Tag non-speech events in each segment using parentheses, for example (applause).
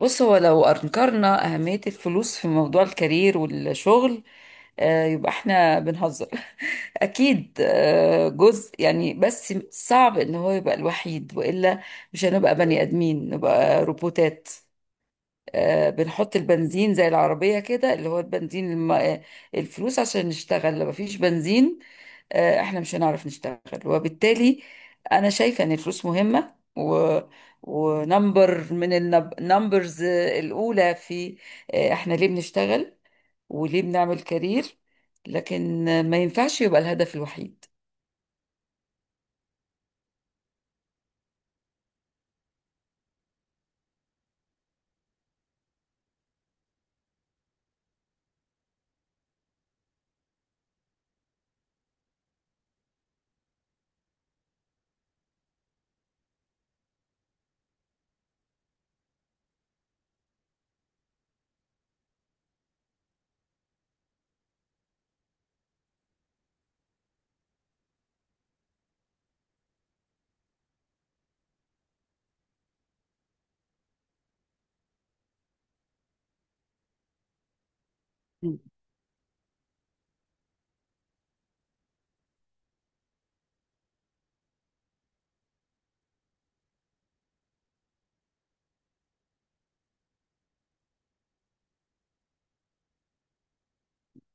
بص، هو لو أنكرنا أهمية الفلوس في موضوع الكارير والشغل يبقى احنا بنهزر. (laughs) أكيد جزء يعني، بس صعب إن هو يبقى الوحيد، وإلا مش هنبقى بني آدمين، نبقى روبوتات. بنحط البنزين زي العربية كده، اللي هو البنزين الم... آه، الفلوس، عشان نشتغل. لو مفيش بنزين، احنا مش هنعرف نشتغل. وبالتالي انا شايفة ان الفلوس مهمة، و ونمبر من النمبرز الاولى في احنا ليه بنشتغل وليه بنعمل كارير. لكن ما ينفعش يبقى الهدف الوحيد.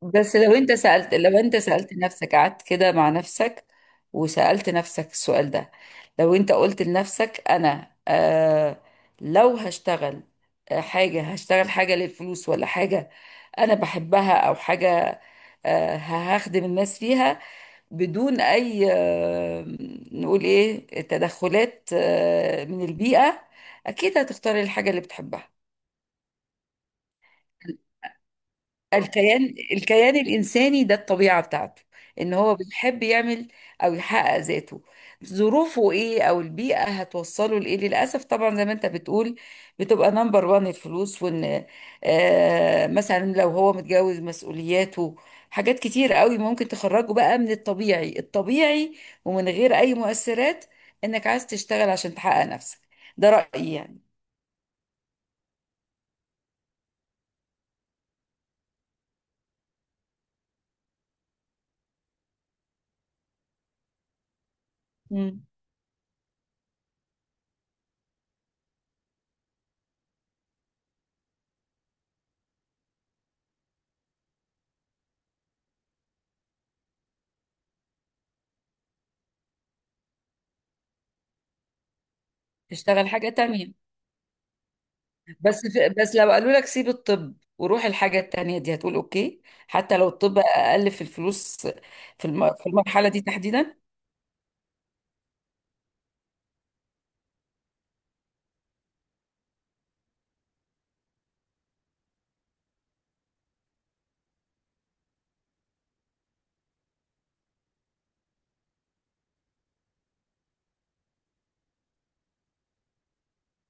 بس لو انت سألت، نفسك، قعدت كده مع نفسك وسألت نفسك السؤال ده، لو انت قلت لنفسك انا لو هشتغل، آه، حاجة هشتغل حاجة للفلوس، ولا حاجة انا بحبها، او حاجة هخدم الناس فيها، بدون اي نقول ايه، تدخلات من البيئة، اكيد هتختار الحاجة اللي بتحبها. الكيان الكيان الإنساني ده الطبيعة بتاعته إن هو بيحب يعمل أو يحقق ذاته. ظروفه إيه أو البيئة هتوصله لإيه، للأسف طبعا، زي ما أنت بتقول، بتبقى نمبر وان الفلوس. وإن مثلا لو هو متجوز، مسؤولياته، حاجات كتير قوي ممكن تخرجه بقى من الطبيعي، ومن غير أي مؤثرات، إنك عايز تشتغل عشان تحقق نفسك. ده رأيي يعني. مم. تشتغل حاجة تانية. بس في، بس لو قالوا لك سيب الطب وروح الحاجة التانية دي، هتقول اوكي حتى لو الطب اقل في الفلوس؟ في المرحلة دي تحديدا،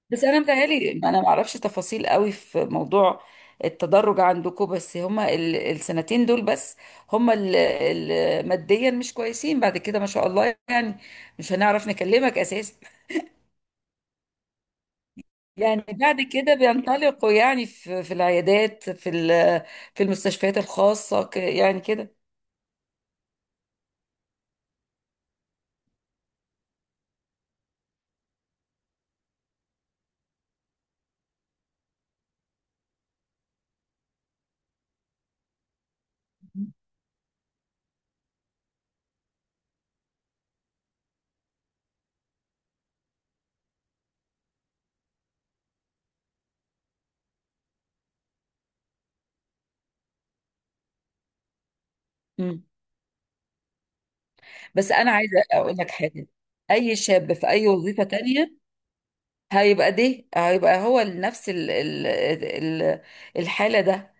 بس انا متهيألي، انا ما اعرفش تفاصيل قوي في موضوع التدرج عندكم، بس هما السنتين دول بس، هما ماديا مش كويسين، بعد كده ما شاء الله يعني مش هنعرف نكلمك اساسا. يعني بعد كده بينطلقوا يعني في العيادات، في في المستشفيات الخاصة، يعني كده. مم. بس انا عايزه اقول لك حاجه: اي شاب في اي وظيفه تانية هيبقى هو نفس ال- الحاله ده.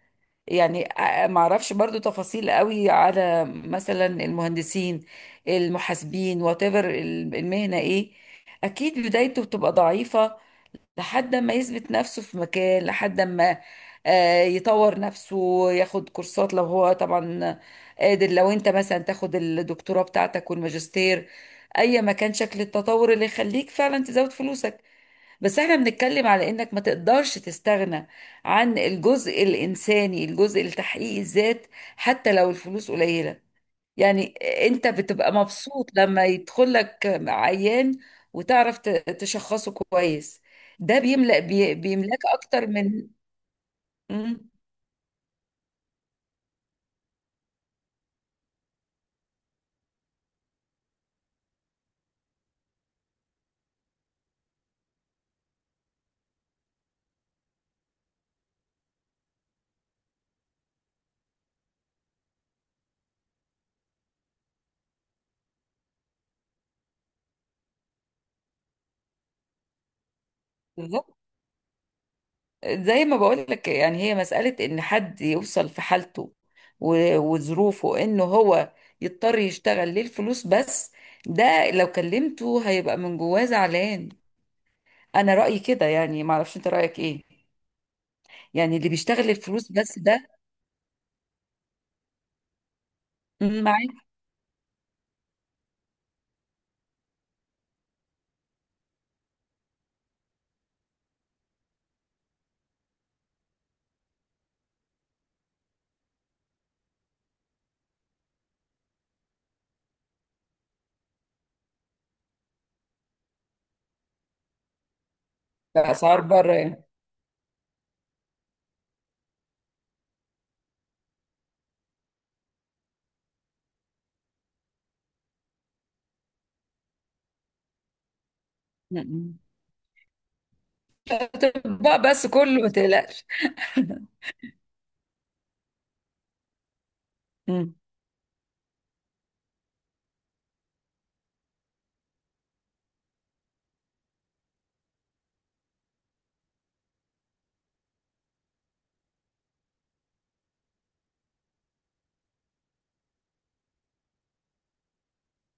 يعني ما اعرفش برضو تفاصيل قوي على مثلا المهندسين، المحاسبين، وات ايفر المهنه ايه، اكيد بدايته بتبقى ضعيفه لحد ما يثبت نفسه في مكان، لحد ما يطور نفسه، ياخد كورسات لو هو طبعا قادر، لو انت مثلا تاخد الدكتوراه بتاعتك والماجستير، اي ما كان شكل التطور اللي يخليك فعلا تزود فلوسك. بس احنا بنتكلم على انك ما تقدرش تستغنى عن الجزء الانساني، الجزء لتحقيق الذات، حتى لو الفلوس قليلة، يعني. انت بتبقى مبسوط لما يدخل لك عيان وتعرف تشخصه كويس، ده بيملاك اكتر من. مم، بالظبط. زي ما بقول لك، يعني هي مسألة ان حد يوصل في حالته وظروفه انه هو يضطر يشتغل للفلوس بس، ده لو كلمته هيبقى من جواه زعلان. انا رأيي كده يعني، معرفش انت رأيك ايه، يعني اللي بيشتغل الفلوس بس ده. مم، معاك. بأسعار بره يعني. مم. بقى بس كله، ما تقلقش. (laughs) مم.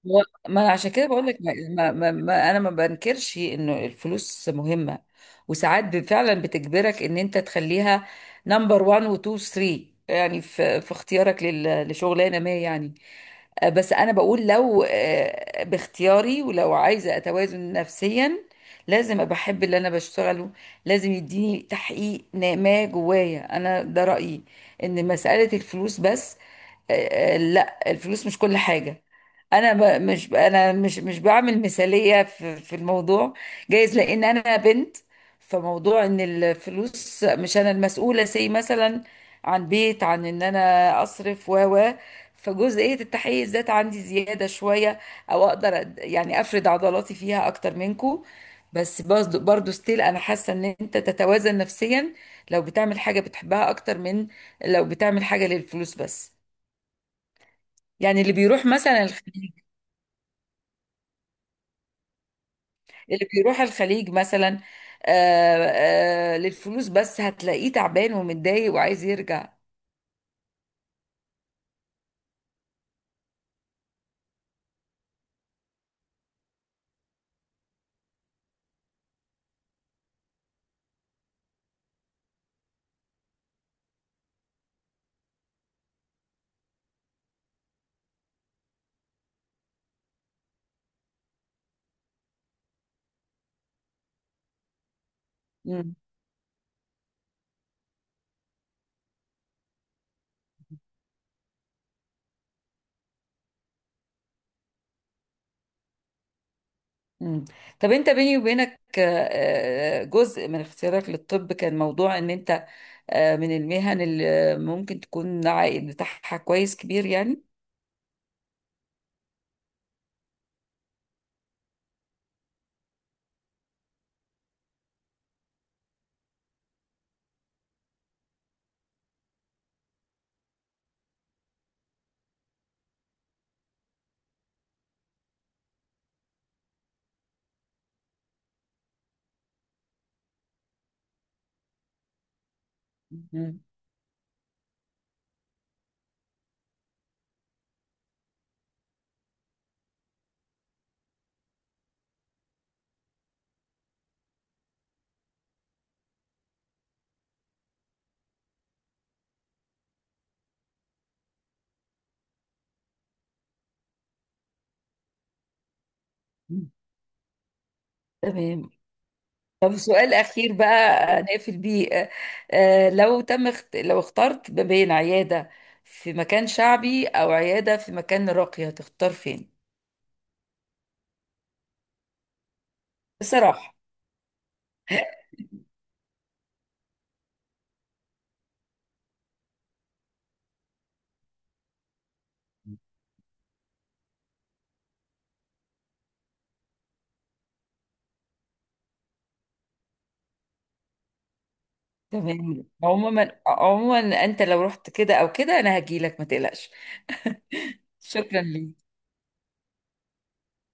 هو- ما عشان كده بقول لك، انا ما بنكرش انه الفلوس مهمه، وساعات فعلا بتجبرك ان انت تخليها نمبر 1 و 2 و 3 يعني في في اختيارك لشغلانه ما يعني. بس انا بقول لو باختياري، ولو عايزه اتوازن نفسيا، لازم ابقى احب اللي انا بشتغله، لازم يديني تحقيق ما جوايا انا. ده رايي، ان مساله الفلوس بس لا، الفلوس مش كل حاجة. مش انا، مش مش بعمل مثالية في في الموضوع، جايز لان انا بنت، فموضوع ان الفلوس، مش انا المسؤولة سي مثلا عن بيت، عن ان انا اصرف، و فجزئية التحيز ذات عندي زيادة شوية، او اقدر يعني افرد عضلاتي فيها اكتر منكو. بس برضو ستيل انا حاسة ان انت تتوازن نفسيا لو بتعمل حاجة بتحبها اكتر من لو بتعمل حاجة للفلوس بس. يعني اللي بيروح مثلا الخليج، اللي بيروح الخليج مثلا آه للفلوس بس، هتلاقيه تعبان ومتضايق وعايز يرجع. مم. مم. طب انت بيني وبينك، جزء من اختيارك للطب كان موضوع ان انت من المهن اللي ممكن تكون العائد بتاعها كويس، كبير يعني؟ مم. مم. تمام. طب سؤال أخير بقى، نقفل بيه. لو اخترت ما بين عيادة في مكان شعبي أو عيادة في مكان راقي، هتختار فين؟ بصراحة. تمام، عموما عموما أنت لو رحت كده أو كده أنا هجيلك، ما تقلقش. شكرا ليك.